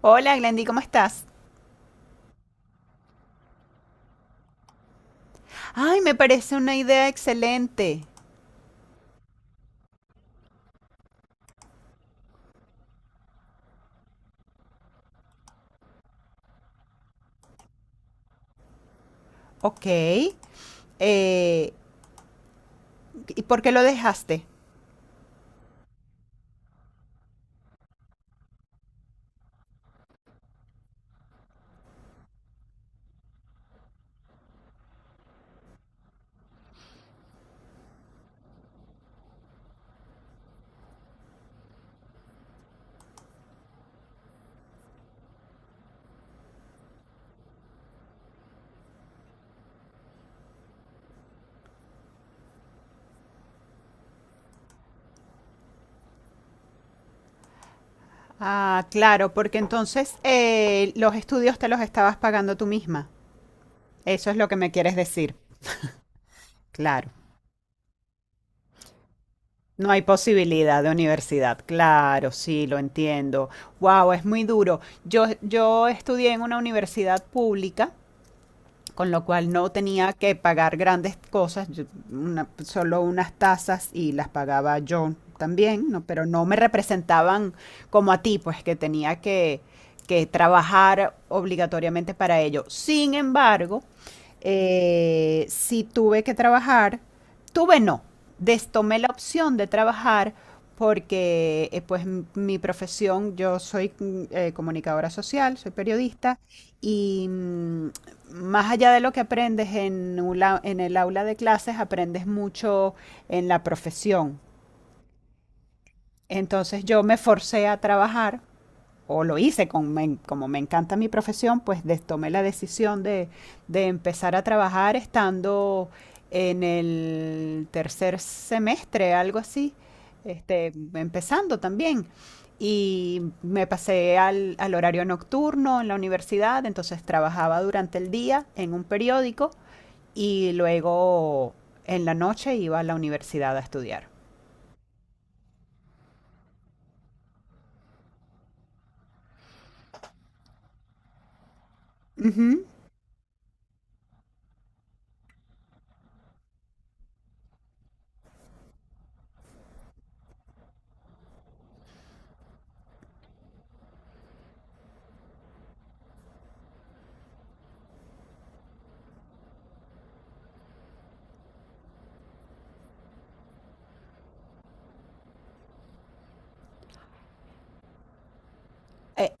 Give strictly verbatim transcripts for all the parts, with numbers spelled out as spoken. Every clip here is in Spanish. Hola, Glendy, ¿cómo estás? Ay, me parece una idea excelente. Ok. eh, ¿Y por qué lo dejaste? Ah, claro, porque entonces eh, los estudios te los estabas pagando tú misma. Eso es lo que me quieres decir. Claro. No hay posibilidad de universidad. Claro, sí, lo entiendo. Wow, es muy duro. Yo, yo estudié en una universidad pública con lo cual no tenía que pagar grandes cosas, yo- una- solo unas tasas y las pagaba yo también, ¿no? Pero no me representaban como a ti, pues que tenía que, que trabajar obligatoriamente para ello. Sin embargo, eh, sí tuve que trabajar, tuve no, destomé la opción de trabajar porque eh, pues m- mi profesión, yo soy mm, eh, comunicadora social, soy periodista y mm, más allá de lo que aprendes en, un en el aula de clases, aprendes mucho en la profesión. Entonces yo me forcé a trabajar, o lo hice, con, me como me encanta mi profesión, pues des- tomé la decisión de, de empezar a trabajar estando en el tercer semestre, algo así, este, empezando también. Y me pasé al, al horario nocturno en la universidad, entonces trabajaba durante el día en un periódico y luego en la noche iba a la universidad a estudiar. Ujú. Eh,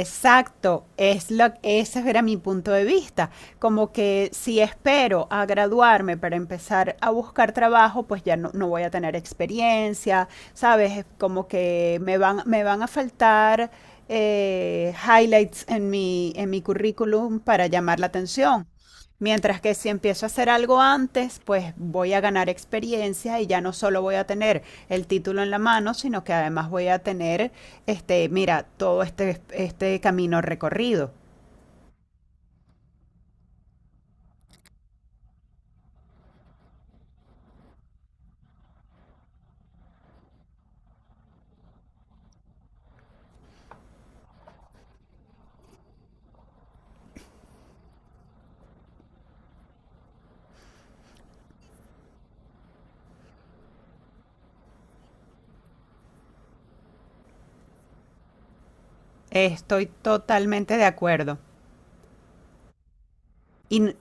Exacto, es lo, ese era mi punto de vista. Como que si espero a graduarme para empezar a buscar trabajo, pues ya no, no voy a tener experiencia, ¿sabes? Es como que me van, me van a faltar eh, highlights en mi, en mi currículum para llamar la atención. Mientras que si empiezo a hacer algo antes, pues voy a ganar experiencia y ya no solo voy a tener el título en la mano, sino que además voy a tener, este, mira, todo este, este camino recorrido. Estoy totalmente de acuerdo. Y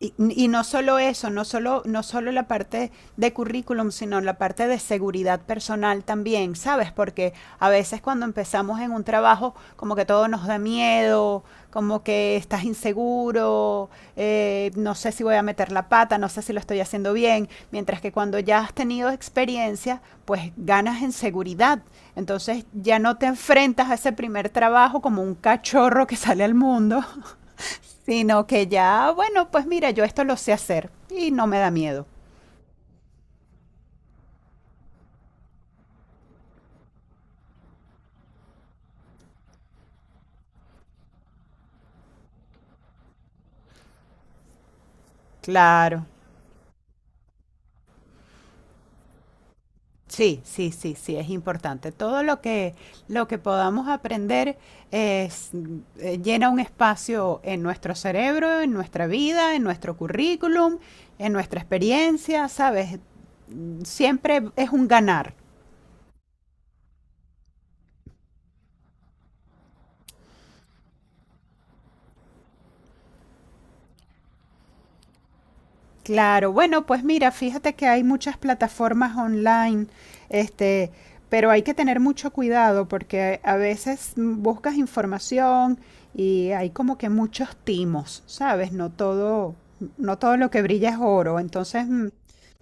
Y, y no solo eso, no solo, no solo la parte de currículum, sino la parte de seguridad personal también, ¿sabes? Porque a veces cuando empezamos en un trabajo, como que todo nos da miedo, como que estás inseguro, eh, no sé si voy a meter la pata, no sé si lo estoy haciendo bien, mientras que cuando ya has tenido experiencia, pues ganas en seguridad. Entonces ya no te enfrentas a ese primer trabajo como un cachorro que sale al mundo, sino que ya, bueno, pues mira, yo esto lo sé hacer y no me da miedo. Claro. Sí, sí, sí, sí, es importante. Todo lo que lo que podamos aprender es, eh, llena un espacio en nuestro cerebro, en nuestra vida, en nuestro currículum, en nuestra experiencia, ¿sabes? Siempre es un ganar. Claro, bueno, pues mira, fíjate que hay muchas plataformas online, este, pero hay que tener mucho cuidado porque a veces mm, buscas información y hay como que muchos timos, ¿sabes? No todo, no todo lo que brilla es oro. Entonces, mm,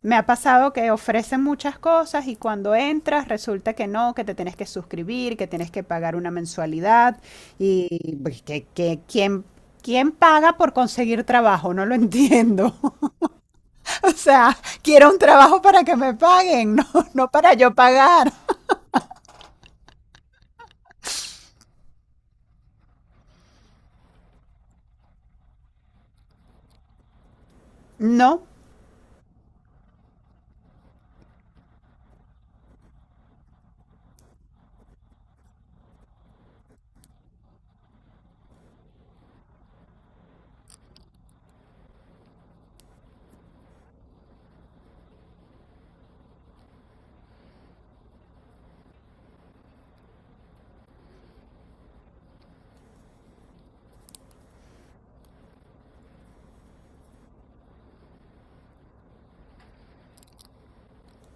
me ha pasado que ofrecen muchas cosas y cuando entras resulta que no, que te tienes que suscribir, que tienes que pagar una mensualidad y pues, que, que ¿quién, quién paga por conseguir trabajo? No lo entiendo. O sea, quiero un trabajo para que me paguen, no, no para yo pagar. No.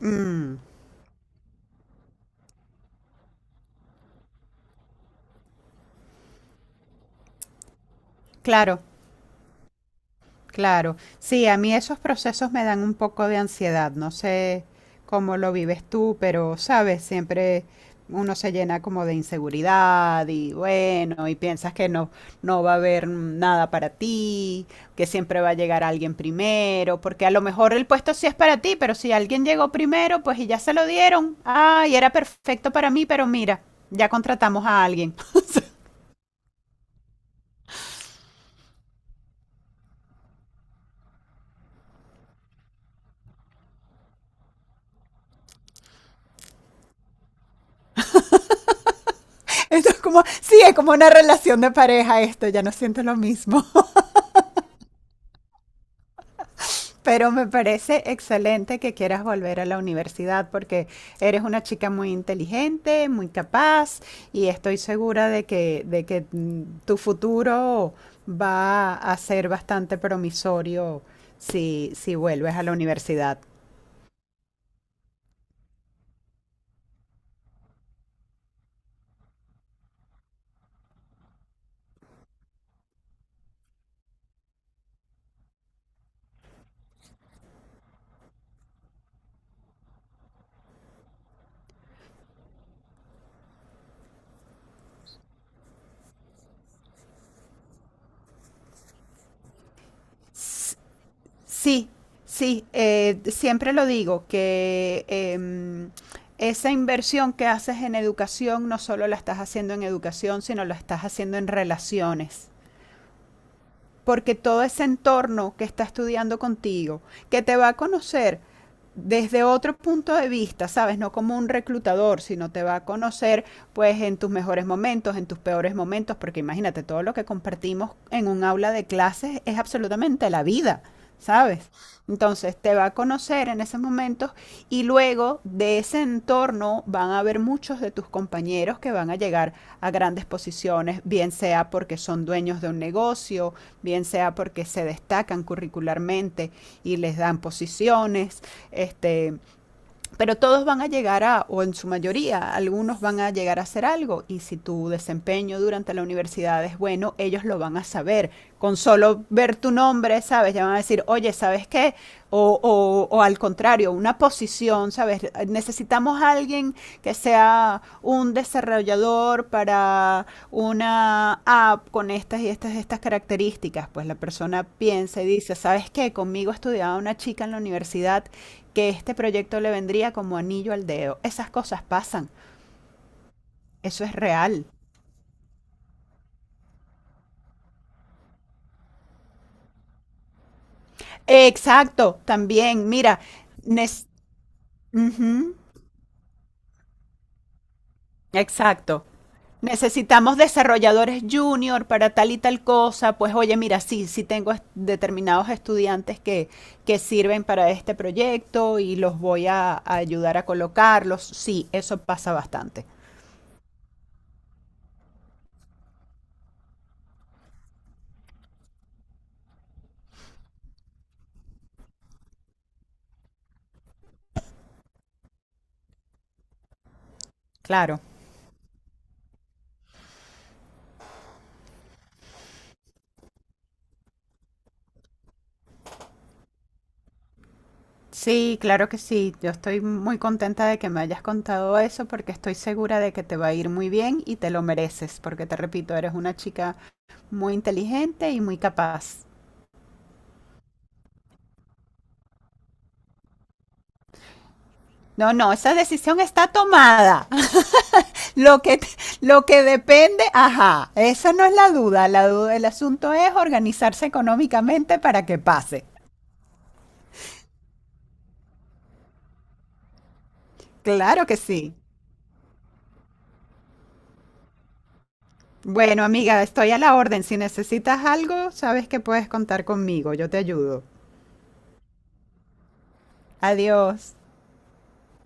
Mm, claro. Claro, sí, a mí esos procesos me dan un poco de ansiedad, no sé cómo lo vives tú, pero sabes, siempre uno se llena como de inseguridad y bueno, y piensas que no, no va a haber nada para ti, que siempre va a llegar alguien primero, porque a lo mejor el puesto sí es para ti, pero si alguien llegó primero, pues y ya se lo dieron, ay, era perfecto para mí, pero mira, ya contratamos a alguien. Esto es como, sí, es como una relación de pareja esto, ya no siento lo mismo. Pero me parece excelente que quieras volver a la universidad porque eres una chica muy inteligente, muy capaz y estoy segura de que, de que mm, tu futuro va a ser bastante promisorio si, si vuelves a la universidad. S- Sí, sí, eh, siempre lo digo, que em, esa inversión que haces en educación no solo la estás haciendo en educación, sino la estás haciendo en relaciones porque todo ese entorno que está estudiando contigo, que te va a conocer desde otro punto de vista, ¿sabes? No como un reclutador, sino te va a conocer pues en tus mejores momentos, en tus peores momentos, porque imagínate, todo lo que compartimos en un aula de clases es absolutamente la vida, ¿sabes? Entonces te va a conocer en esos momentos y luego de ese entorno van a haber muchos de tus compañeros que van a llegar a grandes posiciones, bien sea porque son dueños de un negocio, bien sea porque se destacan curricularmente y les dan posiciones, este, pero todos van a llegar a, o en su mayoría, algunos van a llegar a hacer algo y si tu desempeño durante la universidad es bueno, ellos lo van a saber. Con solo ver tu nombre, ¿sabes? Ya van a decir, oye, ¿sabes qué? O, o, o al contrario, una posición, ¿sabes? Necesitamos a alguien que sea un desarrollador para una app con estas y estas, estas características. Pues la persona piensa y dice, ¿sabes qué? Conmigo estudiaba una chica en la universidad que este proyecto le vendría como anillo al dedo. Esas cosas pasan, eso es real. Exacto, también, mira, nes- ujú, exacto. Necesitamos desarrolladores junior para tal y tal cosa. Pues oye, mira, sí, sí tengo est- determinados estudiantes que, que sirven para este proyecto y los voy a, a ayudar a colocarlos. Sí, eso pasa bastante. Claro. Sí, claro que sí. Yo estoy muy contenta de que me hayas contado eso porque estoy segura de que te va a ir muy bien y te lo mereces, porque te repito, eres una chica muy inteligente y muy capaz. No, no, esa decisión está tomada. Lo que, te- lo que depende, ajá, esa no es la duda. La duda, el asunto es organizarse económicamente para que pase. Claro que sí. Bueno, amiga, estoy a la orden. Si necesitas algo, sabes que puedes contar conmigo. Yo te ayudo. Adiós.